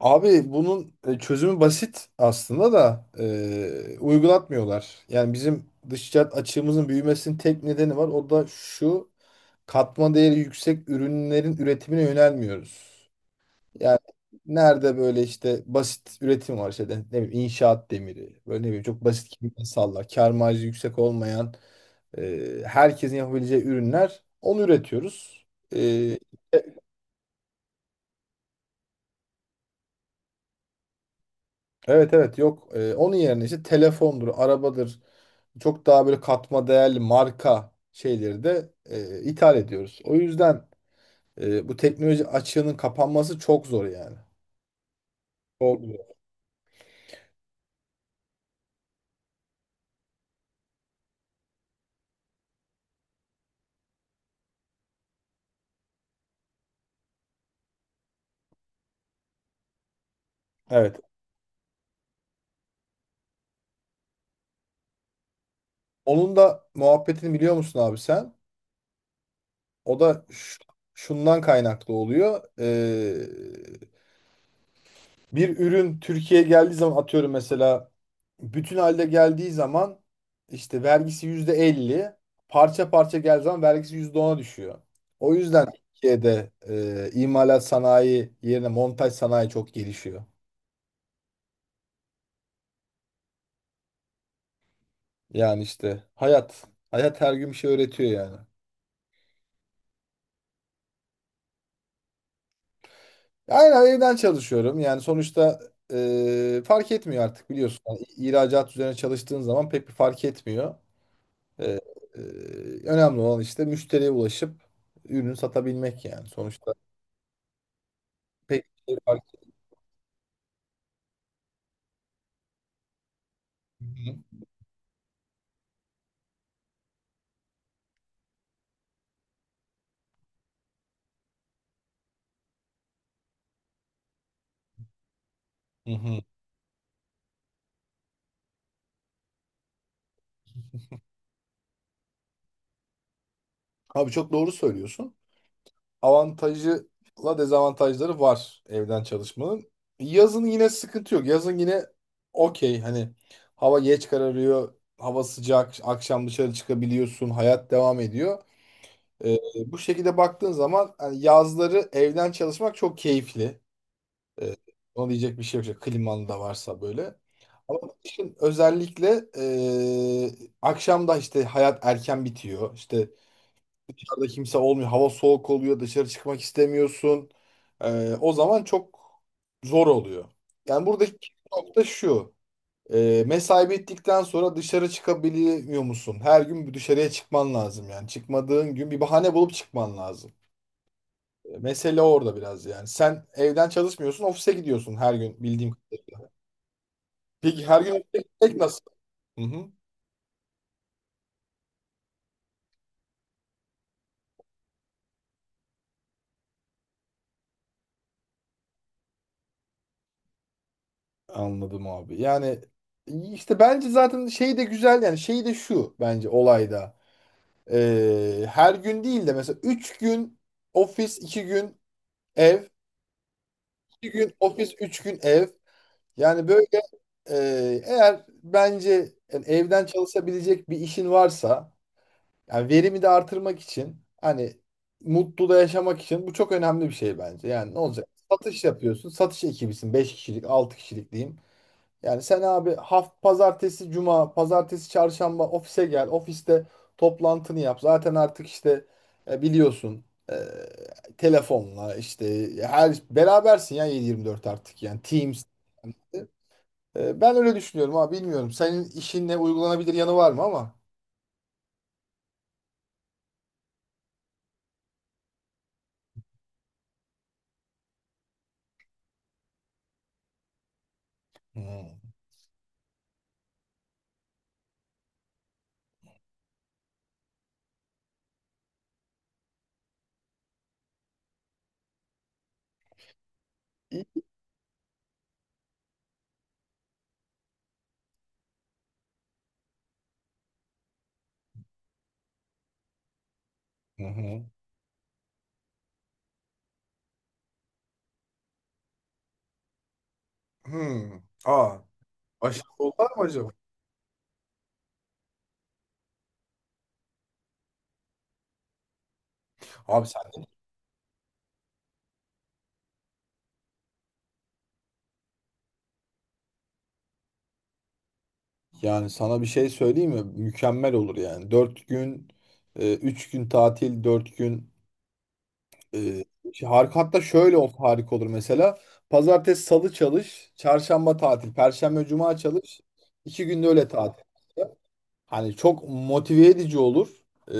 Abi bunun çözümü basit aslında da uygulatmıyorlar. Yani bizim dış ticaret açığımızın büyümesinin tek nedeni var. O da şu katma değeri yüksek ürünlerin üretimine yönelmiyoruz. Yani nerede böyle işte basit üretim var işte ne bileyim inşaat demiri böyle ne bileyim çok basit kimyasallar kâr marjı yüksek olmayan herkesin yapabileceği ürünler onu üretiyoruz. E, e, Evet evet yok. Onun yerine işte telefondur, arabadır. Çok daha böyle katma değerli marka şeyleri de ithal ediyoruz. O yüzden bu teknoloji açığının kapanması çok zor yani. Çok zor. Evet. Onun da muhabbetini biliyor musun abi sen? O da şundan kaynaklı oluyor. Bir ürün Türkiye'ye geldiği zaman atıyorum mesela bütün halde geldiği zaman işte vergisi yüzde elli parça parça geldiği zaman vergisi yüzde ona düşüyor. O yüzden Türkiye'de imalat sanayi yerine montaj sanayi çok gelişiyor. Yani işte hayat. Hayat her gün bir şey öğretiyor yani. Aynen evden çalışıyorum. Yani sonuçta fark etmiyor artık biliyorsun. Yani ihracat üzerine çalıştığın zaman pek bir fark etmiyor. Ee, e, Önemli olan işte müşteriye ulaşıp ürünü satabilmek yani. Sonuçta pek bir şey fark. Hı hı hı. Abi çok doğru söylüyorsun. Avantajıyla dezavantajları var evden çalışmanın. Yazın yine sıkıntı yok. Yazın yine okey hani hava geç kararıyor, hava sıcak, akşam dışarı çıkabiliyorsun, hayat devam ediyor. Ee, Bu şekilde baktığın zaman hani yazları evden çalışmak çok keyifli. Ee, Ona diyecek bir şey yok. İşte klimalı da varsa böyle. Ama kışın özellikle akşam işte hayat erken bitiyor. İşte dışarıda kimse olmuyor. Hava soğuk oluyor. Dışarı çıkmak istemiyorsun. O zaman çok zor oluyor. Yani buradaki nokta şu. Mesai bittikten sonra dışarı çıkabiliyor musun? Her gün bir dışarıya çıkman lazım yani. Çıkmadığın gün bir bahane bulup çıkman lazım. Mesele orada biraz yani. Sen evden çalışmıyorsun, ofise gidiyorsun her gün bildiğim. Peki her gün tek nasıl? Hı hı. Anladım abi. Yani işte bence zaten şey de güzel yani şey de şu bence olayda. Her gün değil de mesela 3 gün ofis 2 gün ev 2 gün ofis 3 gün ev. Yani böyle e, eğer bence yani evden çalışabilecek bir işin varsa yani verimi de artırmak için hani mutlu da yaşamak için bu çok önemli bir şey bence. Yani ne olacak? Satış yapıyorsun. Satış ekibisin. Beş kişilik 6 kişilik diyeyim. Yani sen abi pazartesi cuma, pazartesi çarşamba ofise gel. Ofiste toplantını yap. Zaten artık işte biliyorsun e, telefonla işte her berabersin ya 7/24 artık yani Teams. Ben öyle düşünüyorum abi bilmiyorum. Senin işinle uygulanabilir yanı var mı ama? Hmm. İyi. Hı hı. Hmm. Aa, aşırı dolar mı acaba? Abi sen yani sana bir şey söyleyeyim mi? Mükemmel olur yani. Dört gün, 3 gün tatil, 4 gün. Ee, Şey, harika hatta şöyle olsa harika olur mesela. Pazartesi, salı çalış, çarşamba tatil, perşembe, cuma çalış. İki günde öyle tatil. Hani çok motive edici olur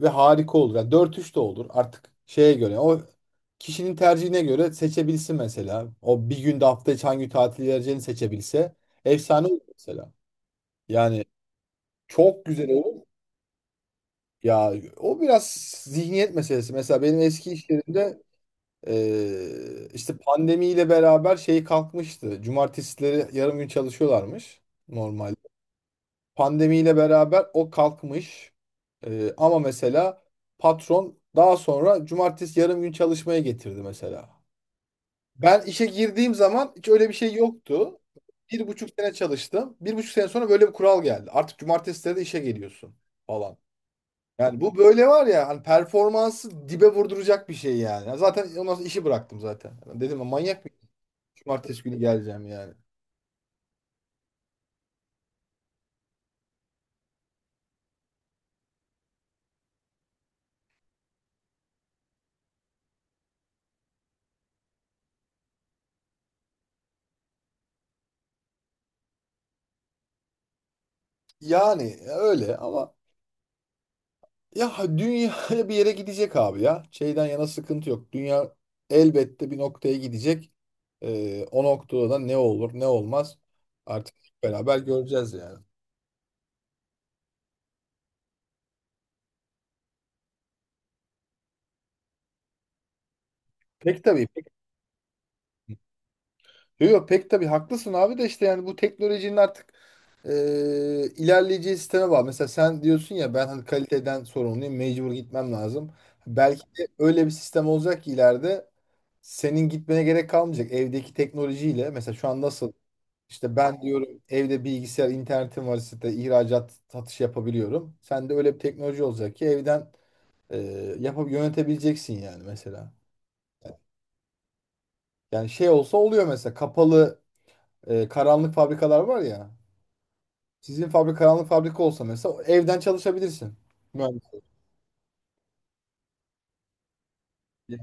ve harika olur. Yani 4-3 de olur artık şeye göre. O kişinin tercihine göre seçebilsin mesela. O bir günde hafta içi hangi tatil vereceğini seçebilse. Efsane olur mesela. Yani çok güzel olur. Ya o biraz zihniyet meselesi. Mesela benim eski iş yerimde işte pandemiyle beraber şey kalkmıştı. Cumartesileri yarım gün çalışıyorlarmış normalde. Pandemiyle beraber o kalkmış. Ama mesela patron daha sonra cumartesi yarım gün çalışmaya getirdi mesela. Ben işe girdiğim zaman hiç öyle bir şey yoktu. Bir buçuk sene çalıştım. Bir buçuk sene sonra böyle bir kural geldi. Artık cumartesileri de işe geliyorsun falan. Yani bu böyle var ya hani performansı dibe vurduracak bir şey yani. Zaten ondan sonra işi bıraktım zaten. Dedim ya, manyak Cumartesi günü geleceğim yani. Yani öyle ama ya dünya bir yere gidecek abi ya. Şeyden yana sıkıntı yok. Dünya elbette bir noktaya gidecek. O noktada da ne olur ne olmaz artık hep beraber göreceğiz yani. Pek tabii. Yok yok pek tabii haklısın abi de işte yani bu teknolojinin artık e, ilerleyeceği sisteme bağlı. Mesela sen diyorsun ya ben hani kaliteden sorumluyum mecbur gitmem lazım. Belki de öyle bir sistem olacak ki ileride senin gitmene gerek kalmayacak evdeki teknolojiyle. Mesela şu an nasıl işte ben diyorum evde bilgisayar internetim var işte ihracat satış yapabiliyorum. Sen de öyle bir teknoloji olacak ki evden e, yapıp yönetebileceksin yani mesela. Yani şey olsa oluyor mesela kapalı karanlık fabrikalar var ya. Sizin fabrika karanlık fabrika olsa mesela evden çalışabilirsin. Mühendis. Diye.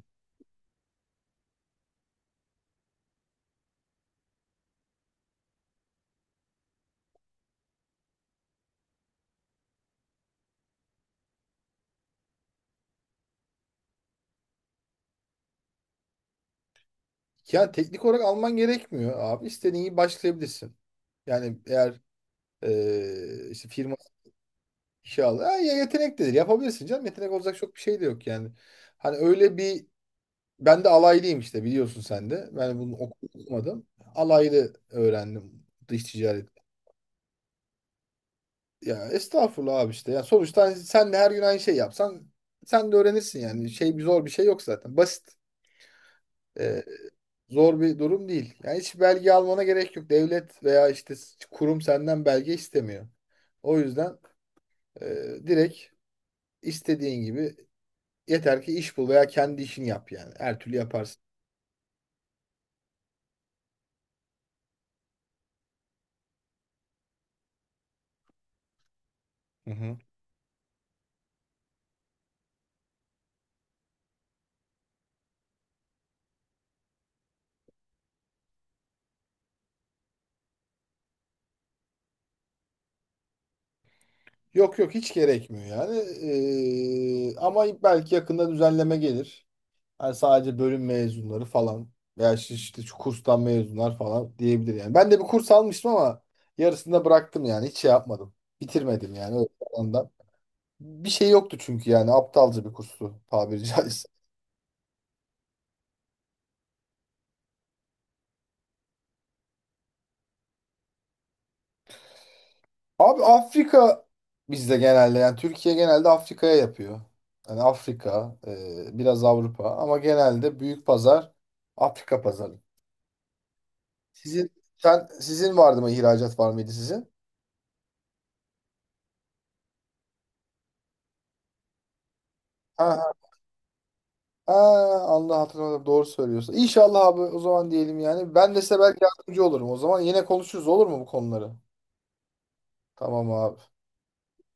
Ya teknik olarak alman gerekmiyor abi. İstediğin gibi başlayabilirsin. Yani eğer işte firma işe al. Ha, ya yetenek dedir. Yapabilirsin canım. Yetenek olacak çok bir şey de yok yani. Hani öyle bir ben de alaylıyım işte biliyorsun sen de. Ben bunu okumadım. Alaylı öğrendim dış ticaret. Ya estağfurullah abi işte. Ya sonuçta hani sen de her gün aynı şey yapsan sen de öğrenirsin yani. Şey bir zor bir şey yok zaten. Basit. Ee, Zor bir durum değil. Yani hiç belge almana gerek yok. Devlet veya işte kurum senden belge istemiyor. O yüzden e, direkt istediğin gibi yeter ki iş bul veya kendi işini yap yani. Her türlü yaparsın. Hı hı. Yok yok hiç gerekmiyor yani. Ama belki yakında düzenleme gelir. Yani sadece bölüm mezunları falan veya işte şu kurstan mezunlar falan diyebilir yani. Ben de bir kurs almıştım ama yarısında bıraktım yani. Hiç şey yapmadım. Bitirmedim yani öyle ondan. Bir şey yoktu çünkü yani aptalca bir kurstu tabiri caizse. Abi Afrika bizde genelde yani Türkiye genelde Afrika'ya yapıyor. Yani Afrika, biraz Avrupa ama genelde büyük pazar Afrika pazarı. Sizin sen sizin vardı mı ihracat var mıydı sizin? Ha, Allah hatırladım. Doğru söylüyorsun. İnşallah abi o zaman diyelim yani. Ben de size belki yardımcı olurum. O zaman yine konuşuruz olur mu bu konuları? Tamam abi.